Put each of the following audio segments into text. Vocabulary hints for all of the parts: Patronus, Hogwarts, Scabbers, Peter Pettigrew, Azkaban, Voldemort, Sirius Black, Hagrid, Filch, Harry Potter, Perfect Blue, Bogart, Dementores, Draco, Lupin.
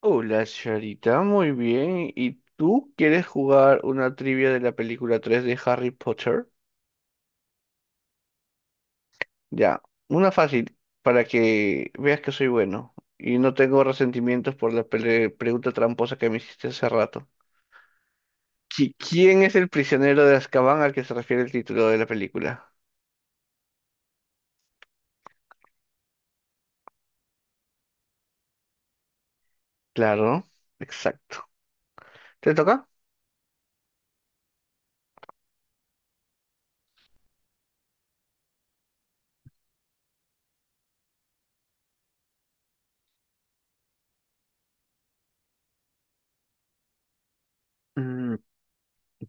Hola, Charita, muy bien. ¿Y tú quieres jugar una trivia de la película 3 de Harry Potter? Ya, una fácil, para que veas que soy bueno y no tengo resentimientos por la pregunta tramposa que me hiciste hace rato. ¿Quién es el prisionero de Azkaban al que se refiere el título de la película? Claro, exacto. ¿Te toca? Mm,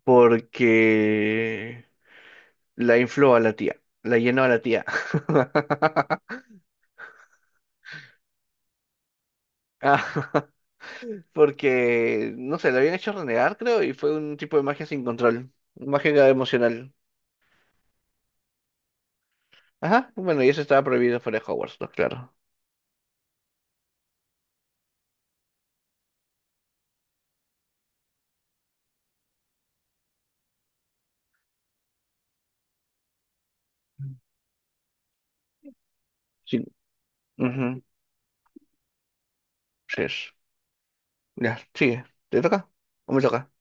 Porque la infló a la tía, la llenó a la tía. Porque, no sé, lo habían hecho renegar, creo, y fue un tipo de magia sin control, magia emocional. Ajá, bueno, y eso estaba prohibido fuera de Hogwarts, pues, claro. Sí, ujú, sí es. Ya, sigue. ¿Te toca? ¿O me toca?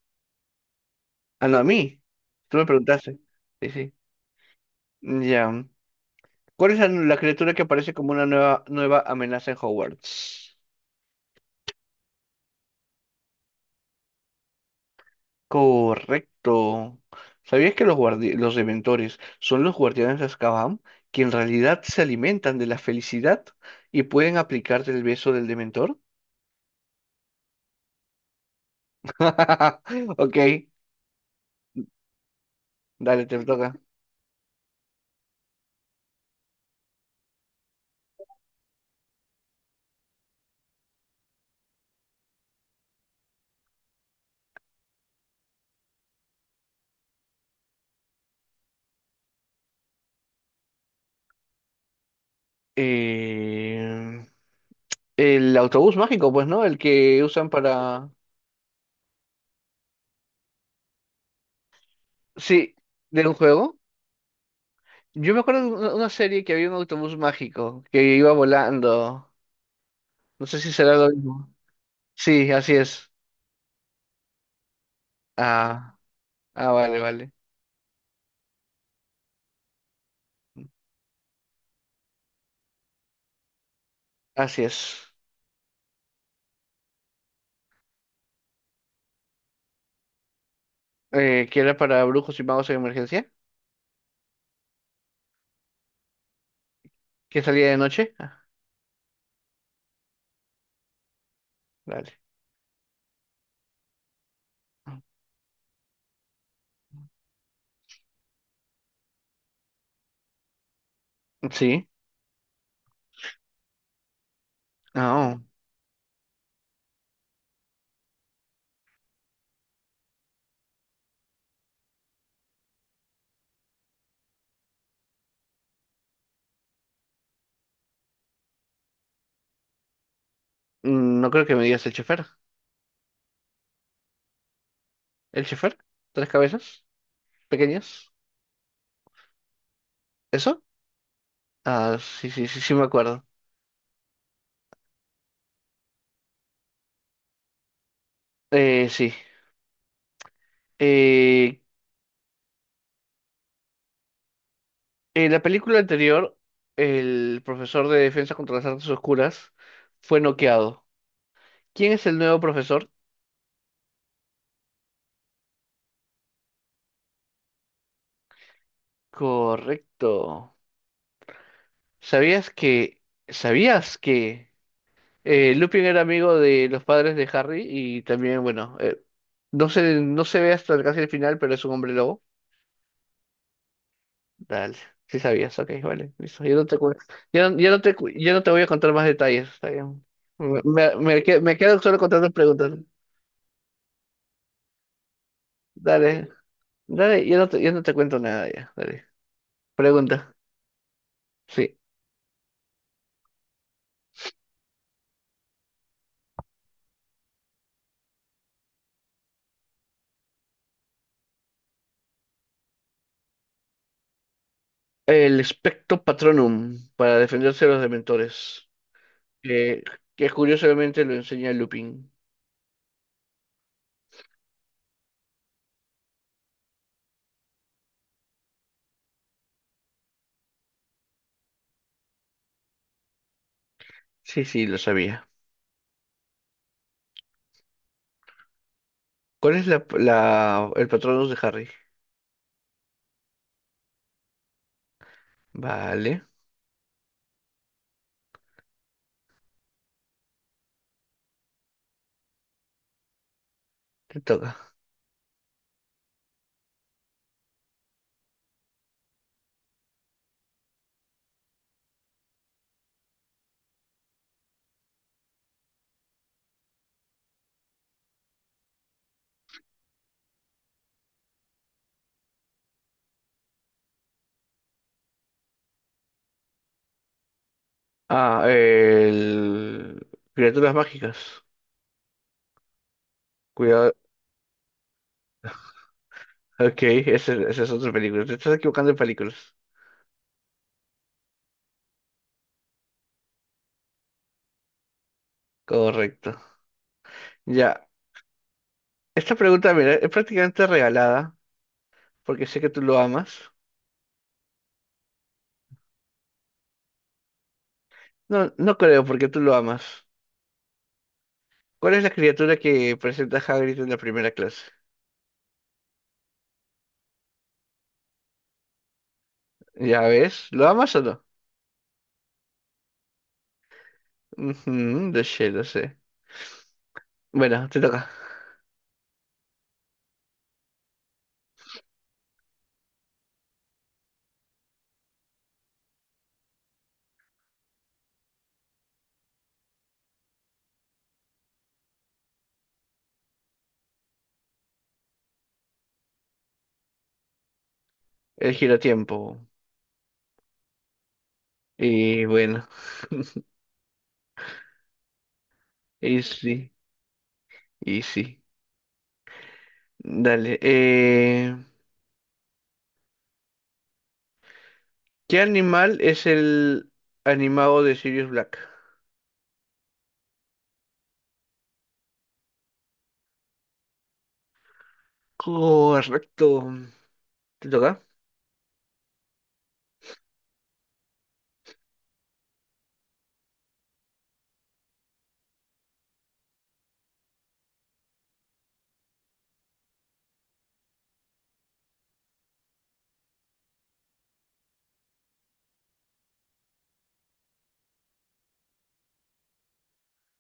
Ah, no, a mí. Tú me preguntaste. Sí, sí. Ya. ¿Cuál es la criatura que aparece como una nueva amenaza en Hogwarts? Correcto. ¿Sabías que los los Dementores son los guardianes de Azkaban, que en realidad se alimentan de la felicidad y pueden aplicarte el beso del Dementor? Ok, dale, te toca. Eh, el autobús mágico, pues, ¿no? El que usan para... Sí, de un juego. Yo me acuerdo de una serie que había un autobús mágico que iba volando. No sé si será lo mismo. Sí, así es. Ah, ah, vale, vale. Así es. ¿Que era para brujos y magos en emergencia? ¿Que salía de noche? Ah, vale. Sí. Ah, oh. No creo que me digas el chofer. ¿El chofer? ¿Tres cabezas? ¿Pequeñas? ¿Eso? Ah, sí, sí, sí, sí me acuerdo. Sí. Eh, en la película anterior, el profesor de defensa contra las artes oscuras fue noqueado. ¿Quién es el nuevo profesor? Correcto. ¿Sabías que... ¿Sabías que... Lupin era amigo de los padres de Harry y también, bueno, no se, no se ve hasta casi el final, pero es un hombre lobo. Dale, sí sabías, ok, vale, listo. Ya no te, ya, ya no te, ya no te voy a contar más detalles, está bien. Me me quedo solo con tantas preguntas. Dale, dale, ya no te cuento nada, ya, dale. Pregunta, sí. El Spectro Patronum para defenderse de los dementores, que, que curiosamente lo enseña Lupin. Sí, sí, lo sabía. ¿Cuál es el Patronus de Harry? Vale, te toca. Ah, el... Criaturas mágicas. Cuidado. Ok, esa es otra película. Te estás equivocando de películas. Correcto. Ya. Esta pregunta, mira, es prácticamente regalada, porque sé que tú lo amas. No, no creo, porque tú lo amas. ¿Cuál es la criatura que presenta Hagrid en la primera clase? Ya ves, ¿lo amas o no? Ujú, lo sé, lo sé. Bueno, te toca. El giratiempo. Y bueno. Easy, easy. Dale. ¿Qué animal es el animado de Sirius Black? Correcto. ¿Te toca?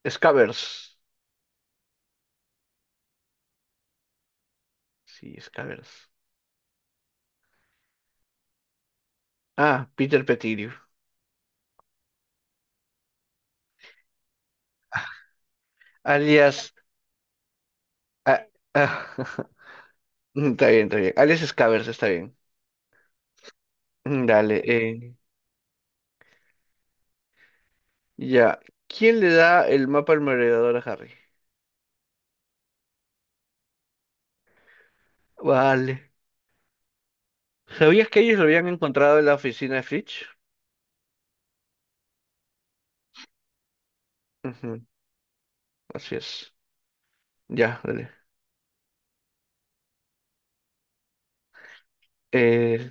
Scabbers. Sí, Scabbers. Ah, Peter Pettigrew. Alias. Ah, ah, está bien, está bien. Alias Scabbers, está bien. Dale. Ya. ¿Quién le da el mapa al merodeador a Harry? Vale. ¿Sabías que ellos lo habían encontrado en la oficina de Fitch? Ujú, así es. Ya, dale. Eh,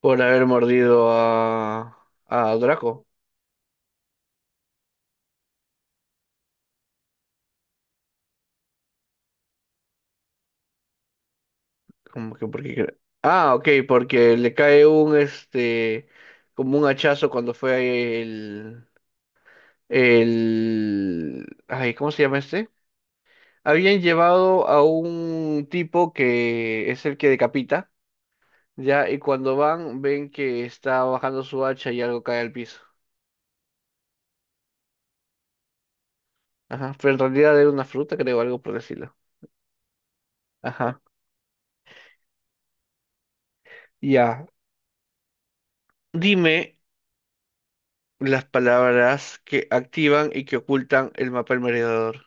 por haber mordido a Draco. Como que porque... ah, ok, porque le cae un, este, como un hachazo cuando fue el, ay, ¿cómo se llama este? Habían llevado a un tipo que es el que decapita, ya, y cuando van, ven que está bajando su hacha y algo cae al piso. Ajá, pero en realidad era una fruta, creo, algo por decirlo. Ajá, ya. Dime, las palabras que activan y que ocultan el mapa del merodeador.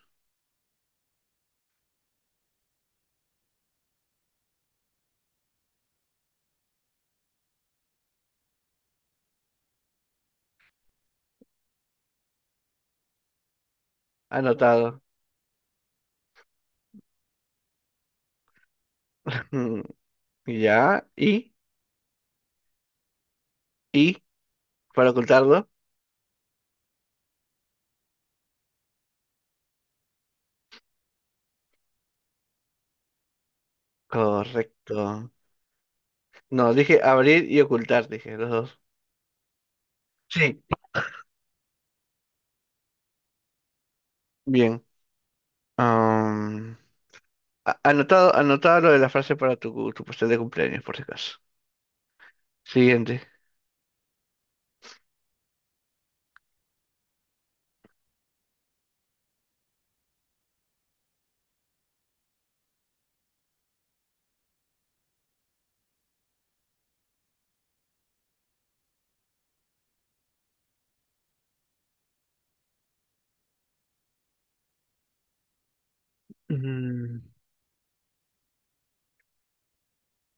Anotado. Mm, Ya, y, para ocultarlo. Correcto. No, dije abrir y ocultar, dije, los dos. Sí. Bien. Am, anotado, anotado lo de la frase para tu, tu pastel de cumpleaños, por si acaso. Siguiente. Mm,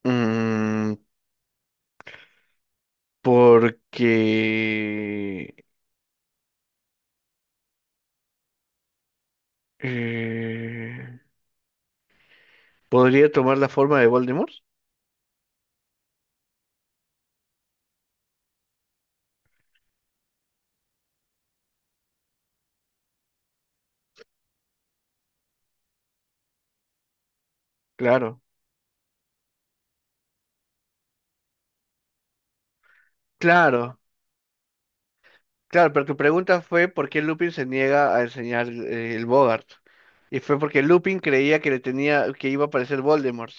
Mm, porque eh, podría tomar la forma de Voldemort. Claro, claro. Claro, pero tu pregunta fue por qué Lupin se niega a enseñar el Bogart. Y fue porque Lupin creía que le tenía, que iba a aparecer Voldemort.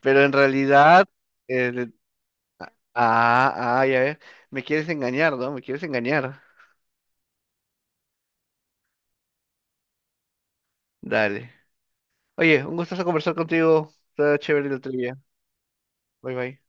Pero en realidad, eh, le- ah, ah, ya ves, me quieres engañar, ¿no? Me quieres engañar. Dale. Oye, un gustazo conversar contigo. Está chévere la trivia. Bye bye.